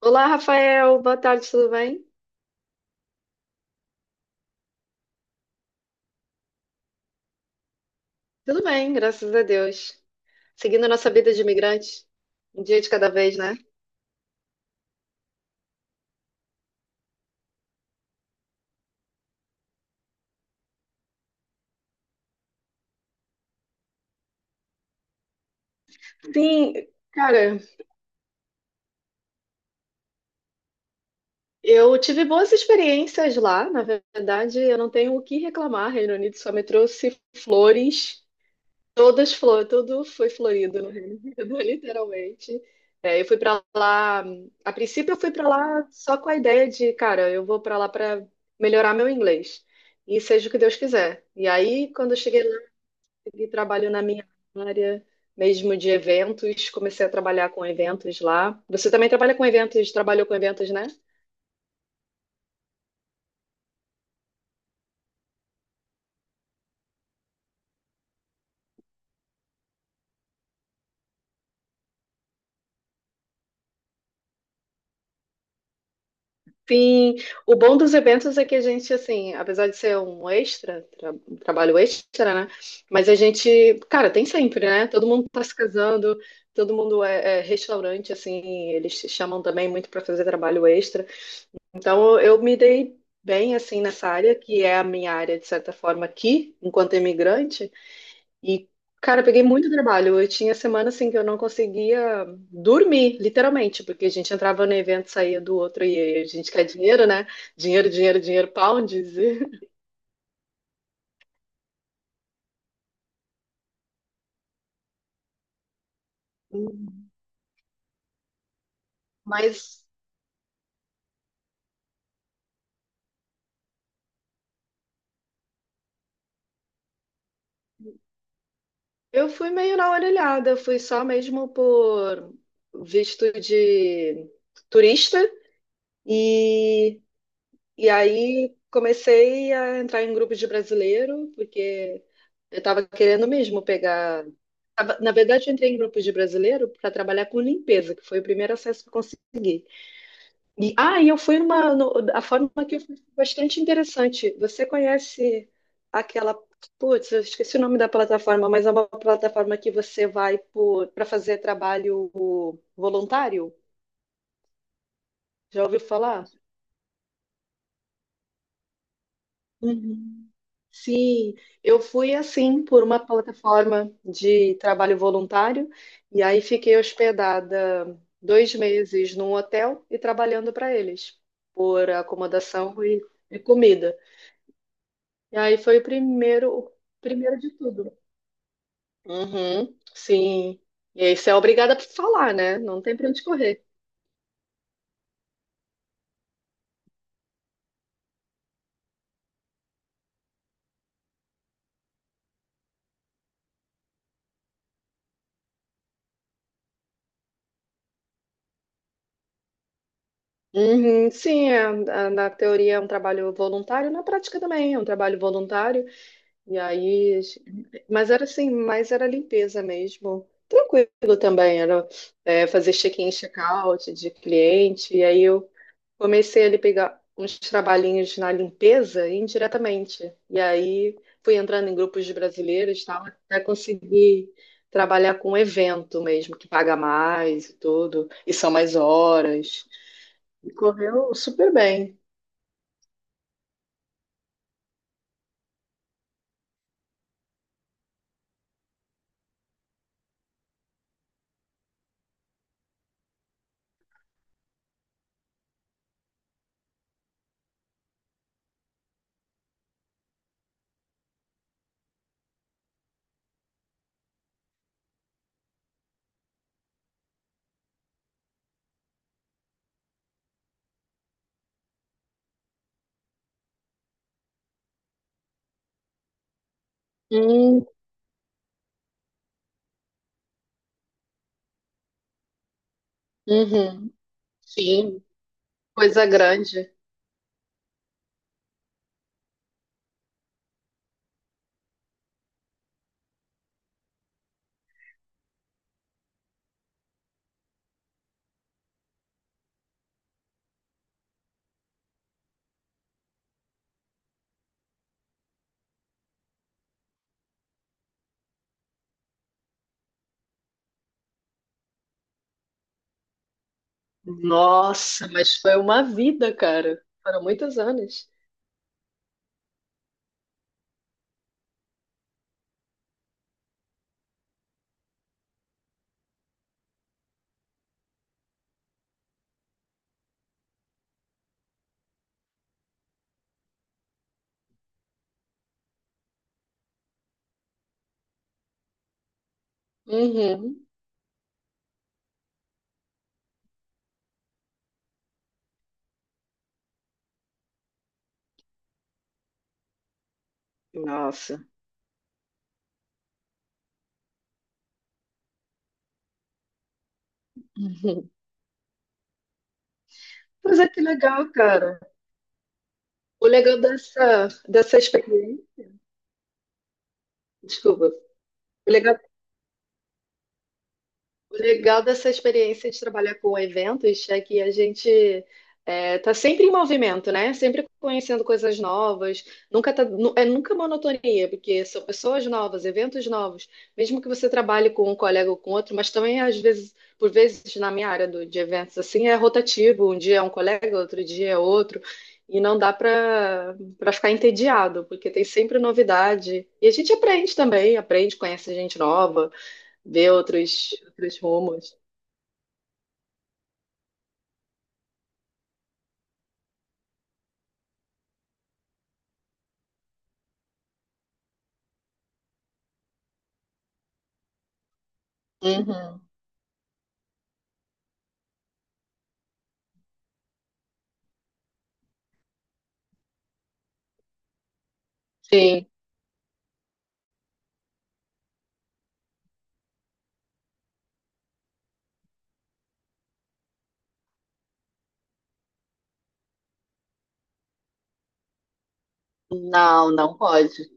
Olá, Rafael. Boa tarde, tudo bem? Tudo bem, graças a Deus. Seguindo a nossa vida de imigrante, um dia de cada vez, né? Sim, cara, eu tive boas experiências lá, na verdade, eu não tenho o que reclamar. Reino Unido só me trouxe flores, todas flores, tudo foi florido no Reino Unido, literalmente. É, eu fui pra lá, a princípio eu fui pra lá só com a ideia de, cara, eu vou pra lá pra melhorar meu inglês. E seja o que Deus quiser. E aí, quando eu cheguei segui trabalhando na minha área, mesmo de eventos, comecei a trabalhar com eventos lá. Você também trabalha com eventos, trabalhou com eventos, né? Sim, o bom dos eventos é que a gente, assim, apesar de ser um extra, um trabalho extra, né? Mas a gente, cara, tem sempre, né? Todo mundo tá se casando, todo mundo é, é restaurante, assim, eles te chamam também muito para fazer trabalho extra. Então, eu me dei bem, assim, nessa área, que é a minha área, de certa forma, aqui, enquanto imigrante. E, cara, eu peguei muito trabalho. Eu tinha semana assim que eu não conseguia dormir, literalmente, porque a gente entrava no evento, saía do outro e a gente quer dinheiro, né? Dinheiro, dinheiro, dinheiro, pounds. E- Hum. Mas eu fui meio na orelhada, eu fui só mesmo por visto de turista. E e aí comecei a entrar em grupos de brasileiro, porque eu estava querendo mesmo pegar. Na verdade, eu entrei em grupos de brasileiro para trabalhar com limpeza, que foi o primeiro acesso que eu consegui. E, ah, e eu fui numa. A forma que eu fui foi bastante interessante. Você conhece aquela. Putz, eu esqueci o nome da plataforma, mas é uma plataforma que você vai para fazer trabalho voluntário? Já ouviu falar? Uhum. Sim, eu fui assim por uma plataforma de trabalho voluntário e aí fiquei hospedada dois meses num hotel e trabalhando para eles por acomodação e comida. E aí foi o primeiro de tudo. Uhum, sim. E aí você é obrigada a falar, né? Não tem para onde correr. Uhum, sim, é, na teoria é um trabalho voluntário, na prática também é um trabalho voluntário. E aí, mas era assim, mas era limpeza mesmo. Tranquilo também, era é, fazer check-in, check-out de cliente. E aí eu comecei ali pegar uns trabalhinhos na limpeza indiretamente. E aí fui entrando em grupos de brasileiros, e tal, até conseguir trabalhar com evento mesmo, que paga mais e tudo, e são mais horas. E correu super bem. Hum, uhum, sim, coisa grande. Nossa, mas foi uma vida, cara. Foram muitos anos. Uhum. Nossa. Uhum. Pois é, que legal, cara. O legal dessa, dessa experiência. Desculpa. O legal, o legal dessa experiência de trabalhar com eventos é que a gente é, tá sempre em movimento, né? Sempre conhecendo coisas novas. Nunca tá, é nunca monotonia, porque são pessoas novas, eventos novos. Mesmo que você trabalhe com um colega ou com outro, mas também às vezes, por vezes na minha área de eventos assim, é rotativo. Um dia é um colega, outro dia é outro. E não dá para ficar entediado, porque tem sempre novidade. E a gente aprende também, aprende, conhece gente nova, ver outros, outros rumos. Uhum. Sim. Não, não pode.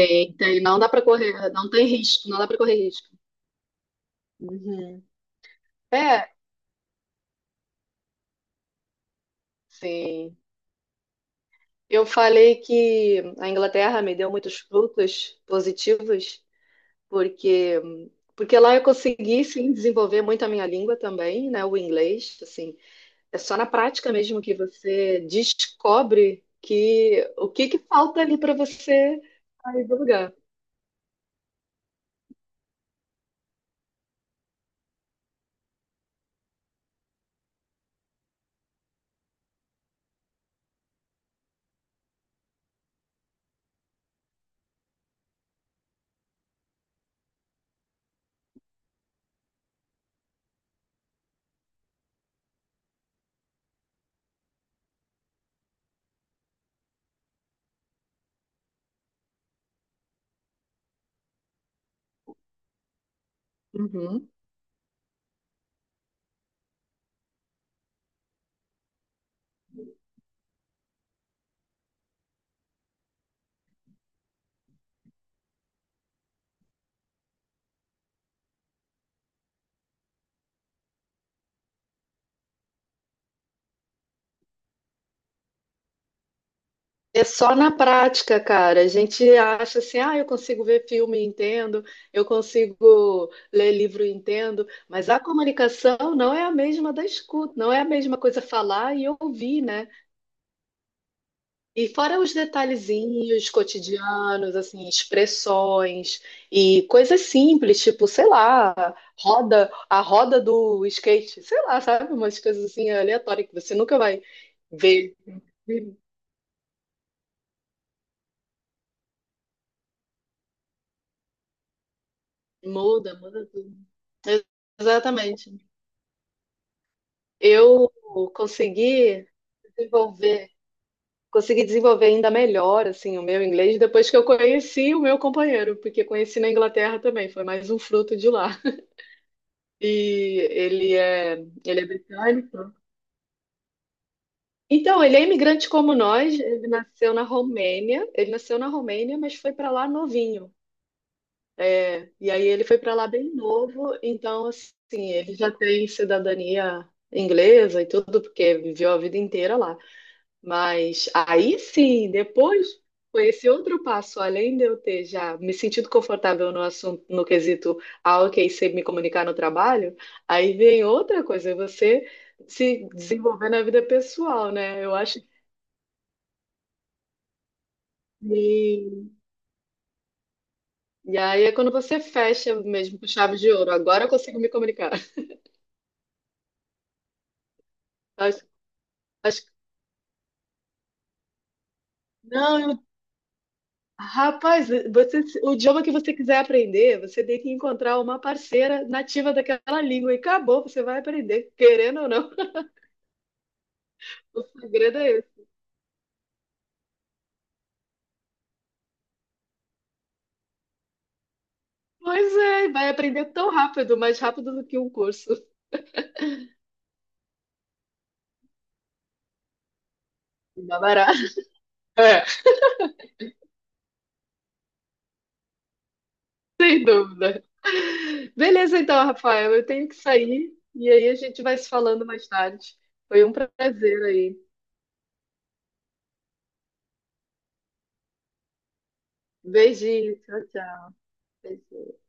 Então, não dá para correr, não tem risco, não dá para correr risco. Uhum. É, sim. Eu falei que a Inglaterra me deu muitos frutos positivos, porque lá eu consegui sim desenvolver muito a minha língua também, né, o inglês, assim. É só na prática mesmo que você descobre que o que que falta ali para você sair do lugar. É só na prática, cara. A gente acha assim, ah, eu consigo ver filme, e entendo, eu consigo ler livro, e entendo, mas a comunicação não é a mesma da escuta, não é a mesma coisa falar e ouvir, né? E fora os detalhezinhos cotidianos, assim, expressões e coisas simples, tipo, sei lá, roda, a roda do skate, sei lá, sabe? Umas coisas assim aleatórias que você nunca vai ver. Muda, muda tudo. Exatamente. Eu consegui desenvolver, consegui desenvolver ainda melhor assim o meu inglês depois que eu conheci o meu companheiro, porque conheci na Inglaterra também, foi mais um fruto de lá. E ele é britânico. Então, ele é imigrante como nós, ele nasceu na Romênia, ele nasceu na Romênia, mas foi para lá novinho. É, e aí ele foi para lá bem novo, então assim, ele já tem cidadania inglesa e tudo, porque viveu a vida inteira lá. Mas aí sim, depois foi esse outro passo, além de eu ter já me sentido confortável no assunto, no quesito, ah, ok, sei me comunicar no trabalho, aí vem outra coisa, você se desenvolver na vida pessoal, né? Eu acho que. E aí é quando você fecha mesmo com chave de ouro, agora eu consigo me comunicar. Acho, acho... Não, rapaz, você, o idioma que você quiser aprender, você tem que encontrar uma parceira nativa daquela língua e acabou, você vai aprender, querendo ou não. O segredo é esse. Pois é, vai aprender tão rápido, mais rápido do que um curso. Dá barato. É, sem dúvida. Beleza, então, Rafael, eu tenho que sair e aí a gente vai se falando mais tarde. Foi um prazer aí. Beijinho, tchau, tchau. Beijinho.